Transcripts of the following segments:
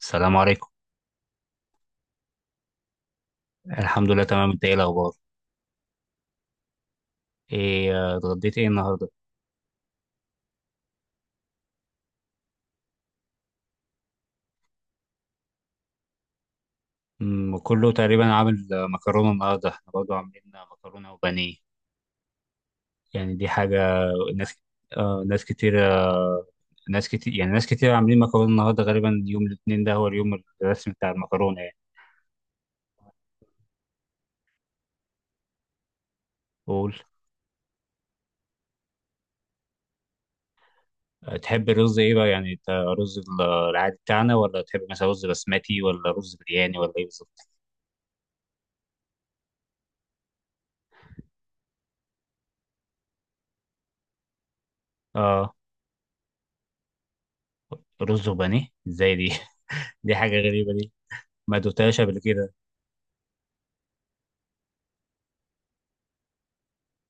السلام عليكم. الحمد لله، تمام. انت ايه الاخبار؟ ايه، اتغديت ايه النهارده؟ كله تقريبا عامل، مكرونه. النهارده احنا برضو عاملين مكرونه وبانيه. يعني دي حاجه ناس، آه ناس كتير، آه ناس كتير، يعني ناس كتير عاملين مكرونه النهارده، غالبا يوم الاثنين ده هو اليوم الرسمي بتاع المكرونه يعني. قول. تحب الرز ايه بقى؟ يعني انت رز العادي بتاعنا، ولا تحب مثلا رز بسمتي، ولا رز برياني، ولا ايه بالظبط؟ اه. رز وبانيه ازاي دي؟ دي حاجه غريبه دي. ما دوتهاش قبل كده.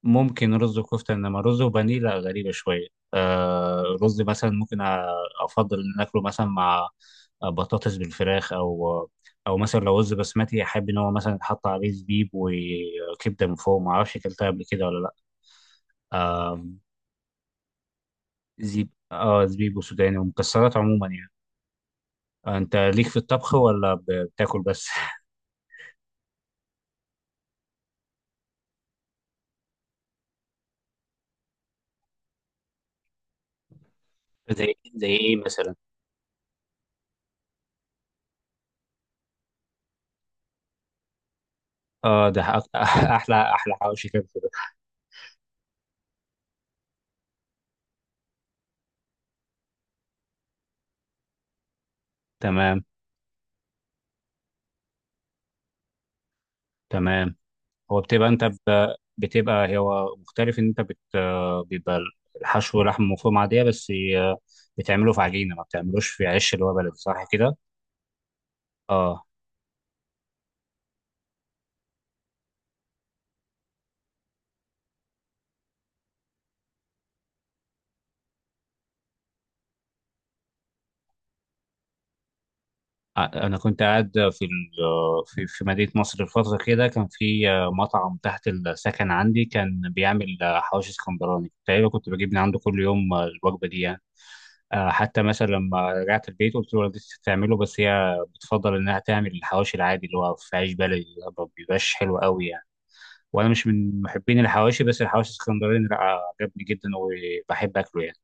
ممكن رز وكفتة، إنما رز وبانيه لا، غريبة شوية. آه رز مثلا ممكن أفضل إن أكله مثلا مع بطاطس بالفراخ، أو أو مثلا لو رز بسمتي أحب إن هو مثلا يتحط عليه زبيب وكبدة من فوق. معرفش أكلتها قبل كده ولا لأ. آه. زيب آه زبيب وسوداني ومكسرات عموما يعني. أنت ليك في الطبخ، ولا بتاكل بس؟ زي إيه مثلا؟ أحلى أحلى حواوشي كده. تمام. تمام. هو بتبقى انت ب- بتبقى هو مختلف ان انت بت بيبقى الحشو لحم مفروم عاديه، بس بتعمله في عجينه، ما بتعملوش في عيش اللي هو بلدي، صح كده؟ اه. انا كنت قاعد في ال- في في مدينه مصر الفتره كده. كان في مطعم تحت السكن عندي، كان بيعمل حواوشي اسكندراني. تقريبا كنت بجيب من عنده كل يوم الوجبه دي يعني. حتى مثلا لما رجعت البيت قلت له والدتي بتعمله، بس هي بتفضل انها تعمل الحواوشي العادي اللي هو في عيش بلدي. ما بيبقاش حلو قوي يعني. وانا مش من محبين الحواشي، بس الحواشي الاسكندراني لا، عجبني جدا وبحب اكله يعني.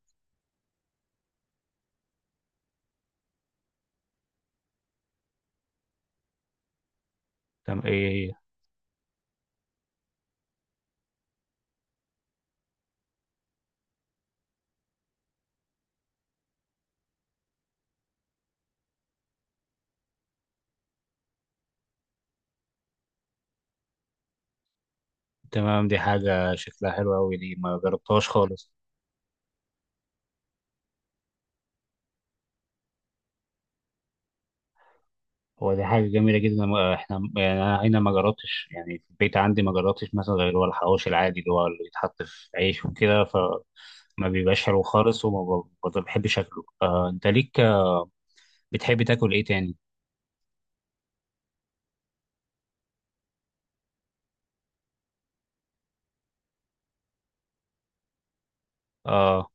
تمام. ايه؟ تمام، دي حاجه شكلها حلو قوي دي، ما جربتهاش خالص. هو دي حاجه جميله جدا. احنا يعني انا هنا ما جربتش، يعني في البيت عندي ما جربتش مثلا غير هو الحواوشي العادي، اللي هو اللي بيتحط في عيش وكده، فما بيبقاش حلو خالص، ما بحبش اكله. آه انت ليك بتحب تاكل ايه تاني؟ اه.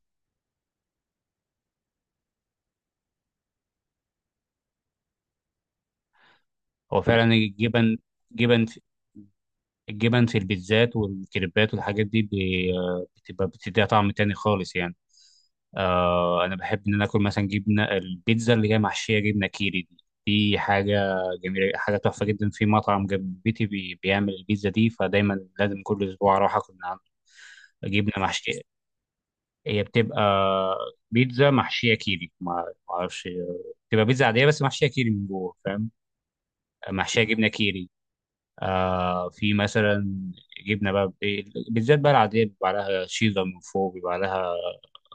هو فعلا الجبن، جبن، الجبن في البيتزات والكريبات والحاجات دي بتبقى بتديها طعم تاني خالص يعني. آه انا بحب ان انا اكل مثلا جبنه البيتزا اللي هي محشيه جبنه كيري دي. دي حاجه جميله، حاجه تحفه جدا. في مطعم جنب بيتي بي بيعمل البيتزا دي، فدايما لازم كل اسبوع اروح اكل من عنده. جبنه محشيه، هي بتبقى بيتزا محشيه كيري. ما ما اعرفش، بتبقى بيتزا عاديه بس محشيه كيري من جوه، فاهم؟ محشيه جبنه كيري. آه في مثلا جبنه بقى بالذات بقى العاديه، بيبقى عليها شيدر من فوق، بيبقى عليها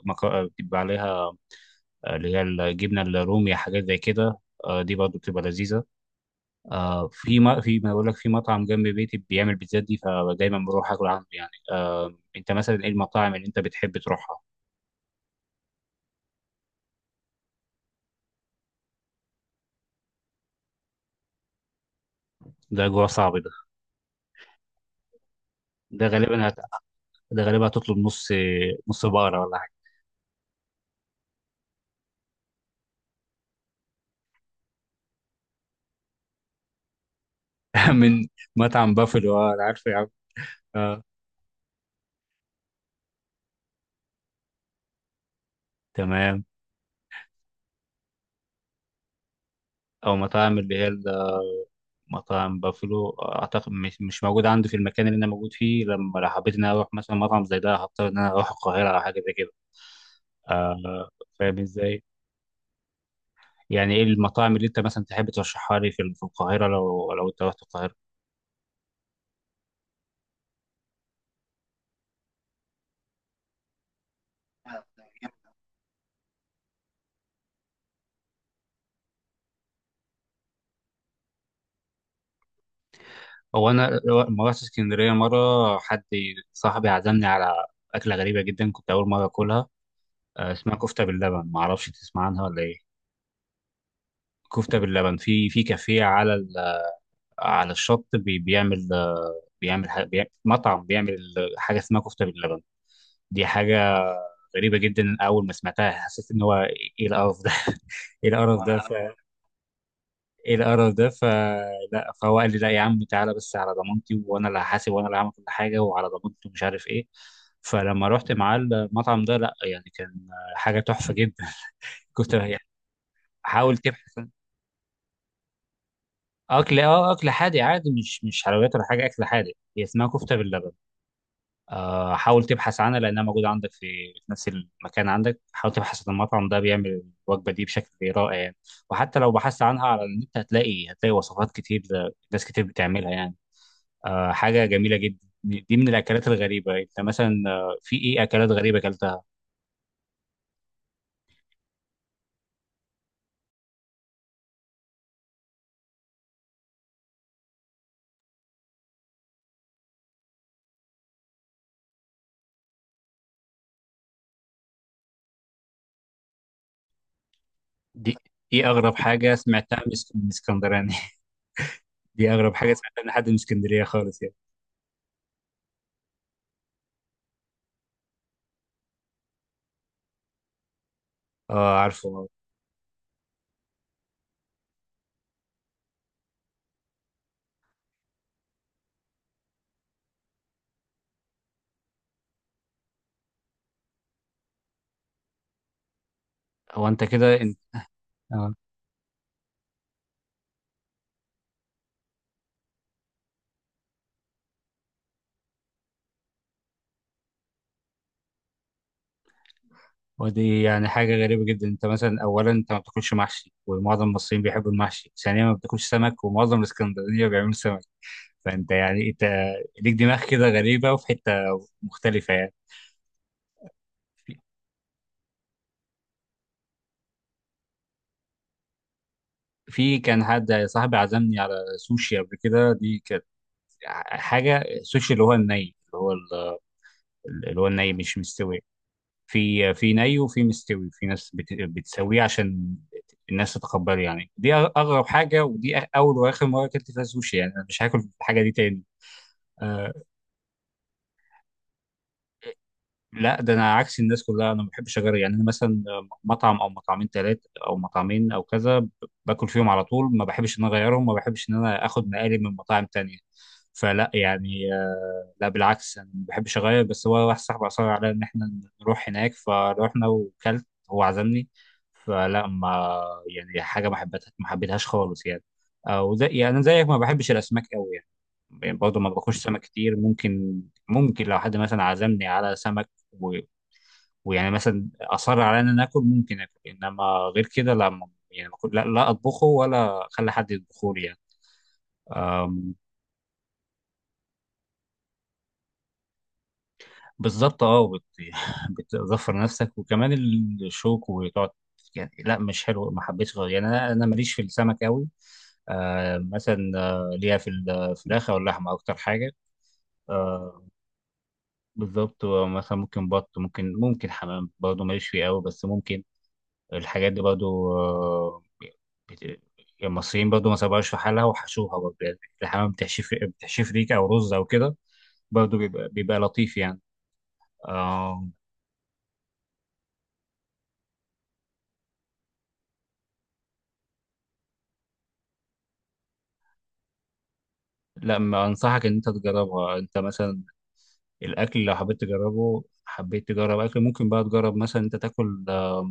مك... بيبقى عليها اللي هي الجبنه الرومي، حاجات زي كده. آه دي برضه بتبقى لذيذه. آه في ما في ما بقول لك، في مطعم جنب بيتي بيعمل بيتزات دي، فدايما بروح اكل عنده يعني. انت مثلا ايه المطاعم اللي انت بتحب تروحها؟ ده جوه صعب ده. ده غالبا هت... ده غالبا هتطلب نص، نص بقره ولا حاجه؟ من مطعم بافلو. اه انا عارفه يا عم. اه. تمام. او مطاعم اللي هي مطعم بافلو، اعتقد مش مش موجود عنده في المكان اللي انا موجود فيه. لما لو حبيت ان انا اروح مثلا مطعم زي ده، هضطر ان انا اروح القاهره او حاجه زي كده. آه، فاهم ازاي. يعني ايه المطاعم اللي انت مثلا تحب ترشحها لي في القاهره، لو لو انت رحت القاهره؟ هو انا لما رحت اسكندريه مره، حد صاحبي عزمني على اكله غريبه جدا، كنت اول مره اكلها. اسمها كفته باللبن، ما اعرفش تسمع عنها ولا ايه. كفته باللبن في في كافيه على على الشط بيعمل، مطعم بيعمل حاجه اسمها كفته باللبن. دي حاجه غريبه جدا. اول ما سمعتها حسيت ان هو ايه القرف ده؟ ايه القرف ده؟ ف ايه القرف ده؟ فلا، فهو قال لي لا يا عم، تعالى بس على ضمانتي، وانا اللي هحاسب وانا اللي هعمل كل حاجه وعلى ضمانتي ومش عارف ايه. فلما رحت معاه المطعم ده، لا يعني كان حاجه تحفه جدا. كنت يعني حاول تبحث عن اكل. اه، اكل حادق عادي، مش مش حلويات ولا حاجه، اكل حادق هي اسمها كفته باللبن. حاول تبحث عنها، لانها موجوده عندك في في نفس المكان عندك. حاول تبحث عن المطعم ده بيعمل الوجبه دي بشكل رائع يعني. وحتى لو بحثت عنها على النت هتلاقي وصفات كتير. ناس كتير بتعملها يعني. حاجه جميله جدا. دي من الاكلات الغريبه. انت مثلا في ايه اكلات غريبه اكلتها؟ دي ايه اغرب حاجه سمعتها من من اسكندراني؟ دي اغرب حاجه سمعتها من حد من اسكندريه خالص يعني. اه عارفه. هو انت كده، انت ودي يعني حاجة غريبة جدا. انت مثلا اولا انت ما بتاكلش محشي، ومعظم المصريين بيحبوا المحشي. ثانيا ما بتاكلش سمك، ومعظم الاسكندرانية بيعملوا سمك. فانت يعني انت ليك دماغ كده غريبة وفي حتة مختلفة يعني. في في كان حد صاحبي عزمني على سوشي قبل كده. دي كانت حاجة سوشي اللي هو الني، اللي هو الني مش مستوي. في في ني وفي مستوي، في ناس بتسويه عشان الناس تتقبله يعني. دي اغرب حاجه. ودي اول واخر مره اكلت فيها سوشي يعني. انا مش هاكل الحاجه دي تاني. آه، لا ده انا عكس الناس كلها. انا ما بحبش اجرب يعني. انا مثلا مطعم او مطعمين، ثلاثه او مطعمين او كذا، باكل فيهم على طول. ما بحبش ان انا اغيرهم، ما بحبش ان انا اخد مقالب من مطاعم تانية. فلا يعني، لا بالعكس انا ما بحبش اغير، بس هو واحد صاحبي اصر على ان احنا نروح هناك. فروحنا وكلت، هو عزمني. فلا ما يعني حاجه، ما حبيتهاش خالص يعني. او زي يعني أنا زيك ما بحبش الاسماك قوي يعني. يعني برضه ما باكلش سمك كتير. ممكن لو حد مثلا عزمني على سمك و... ويعني مثلا اصر على ان انا اكل، ممكن اكل. انما غير كده لا، يعني ما كنت- لا, لا اطبخه ولا اخلي حد يطبخه لي يعني. أم، بالظبط. بتظفر نفسك، وكمان الشوك، وتقعد يعني. لا مش حلو، ما حبيتش، غير يعني انا انا ماليش في السمك قوي. آه مثلا، آه ليها في الفراخ او اللحمه اكتر حاجه. آه، بالظبط. مثلا ممكن ممكن حمام برضه ماليش فيه قوي، بس ممكن. الحاجات دي برضو، بت- المصريين برضو ما سابوهاش في حالها، وحشوها برضو يعني. الحمام بتحشيف، بتحشيف ريكة أو رز أو كده. برضو بيبقى، بيبقى لطيف يعني. آه. لا، ما أنصحك إن أنت تجربها. أنت مثلا الأكل لو حبيت تجربه، حبيت تجرب أكل، ممكن بقى تجرب مثلا أنت تاكل،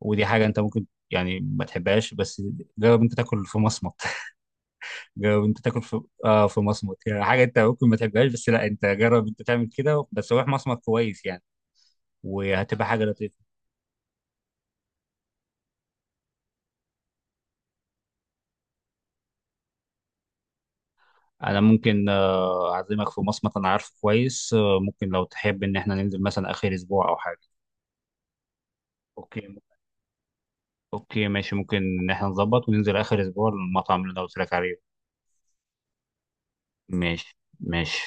ودي حاجة أنت ممكن يعني ما تحبهاش، بس جرب أنت تاكل في مصمت. جرب أنت تاكل في في مصمت، يعني حاجة أنت ممكن ما تحبهاش، بس لا، أنت جرب أنت تعمل كده، بس روح مصمت كويس يعني. وهتبقى حاجة لطيفة. أنا ممكن أعزمك في مصمت، أنا عارفه كويس، ممكن لو تحب إن إحنا ننزل مثلا آخر أسبوع أو حاجة. أوكي. أوكي ماشي، ممكن إن إحنا نظبط وننزل آخر أسبوع للمطعم اللي أنا قلت لك عليه. ماشي ماشي.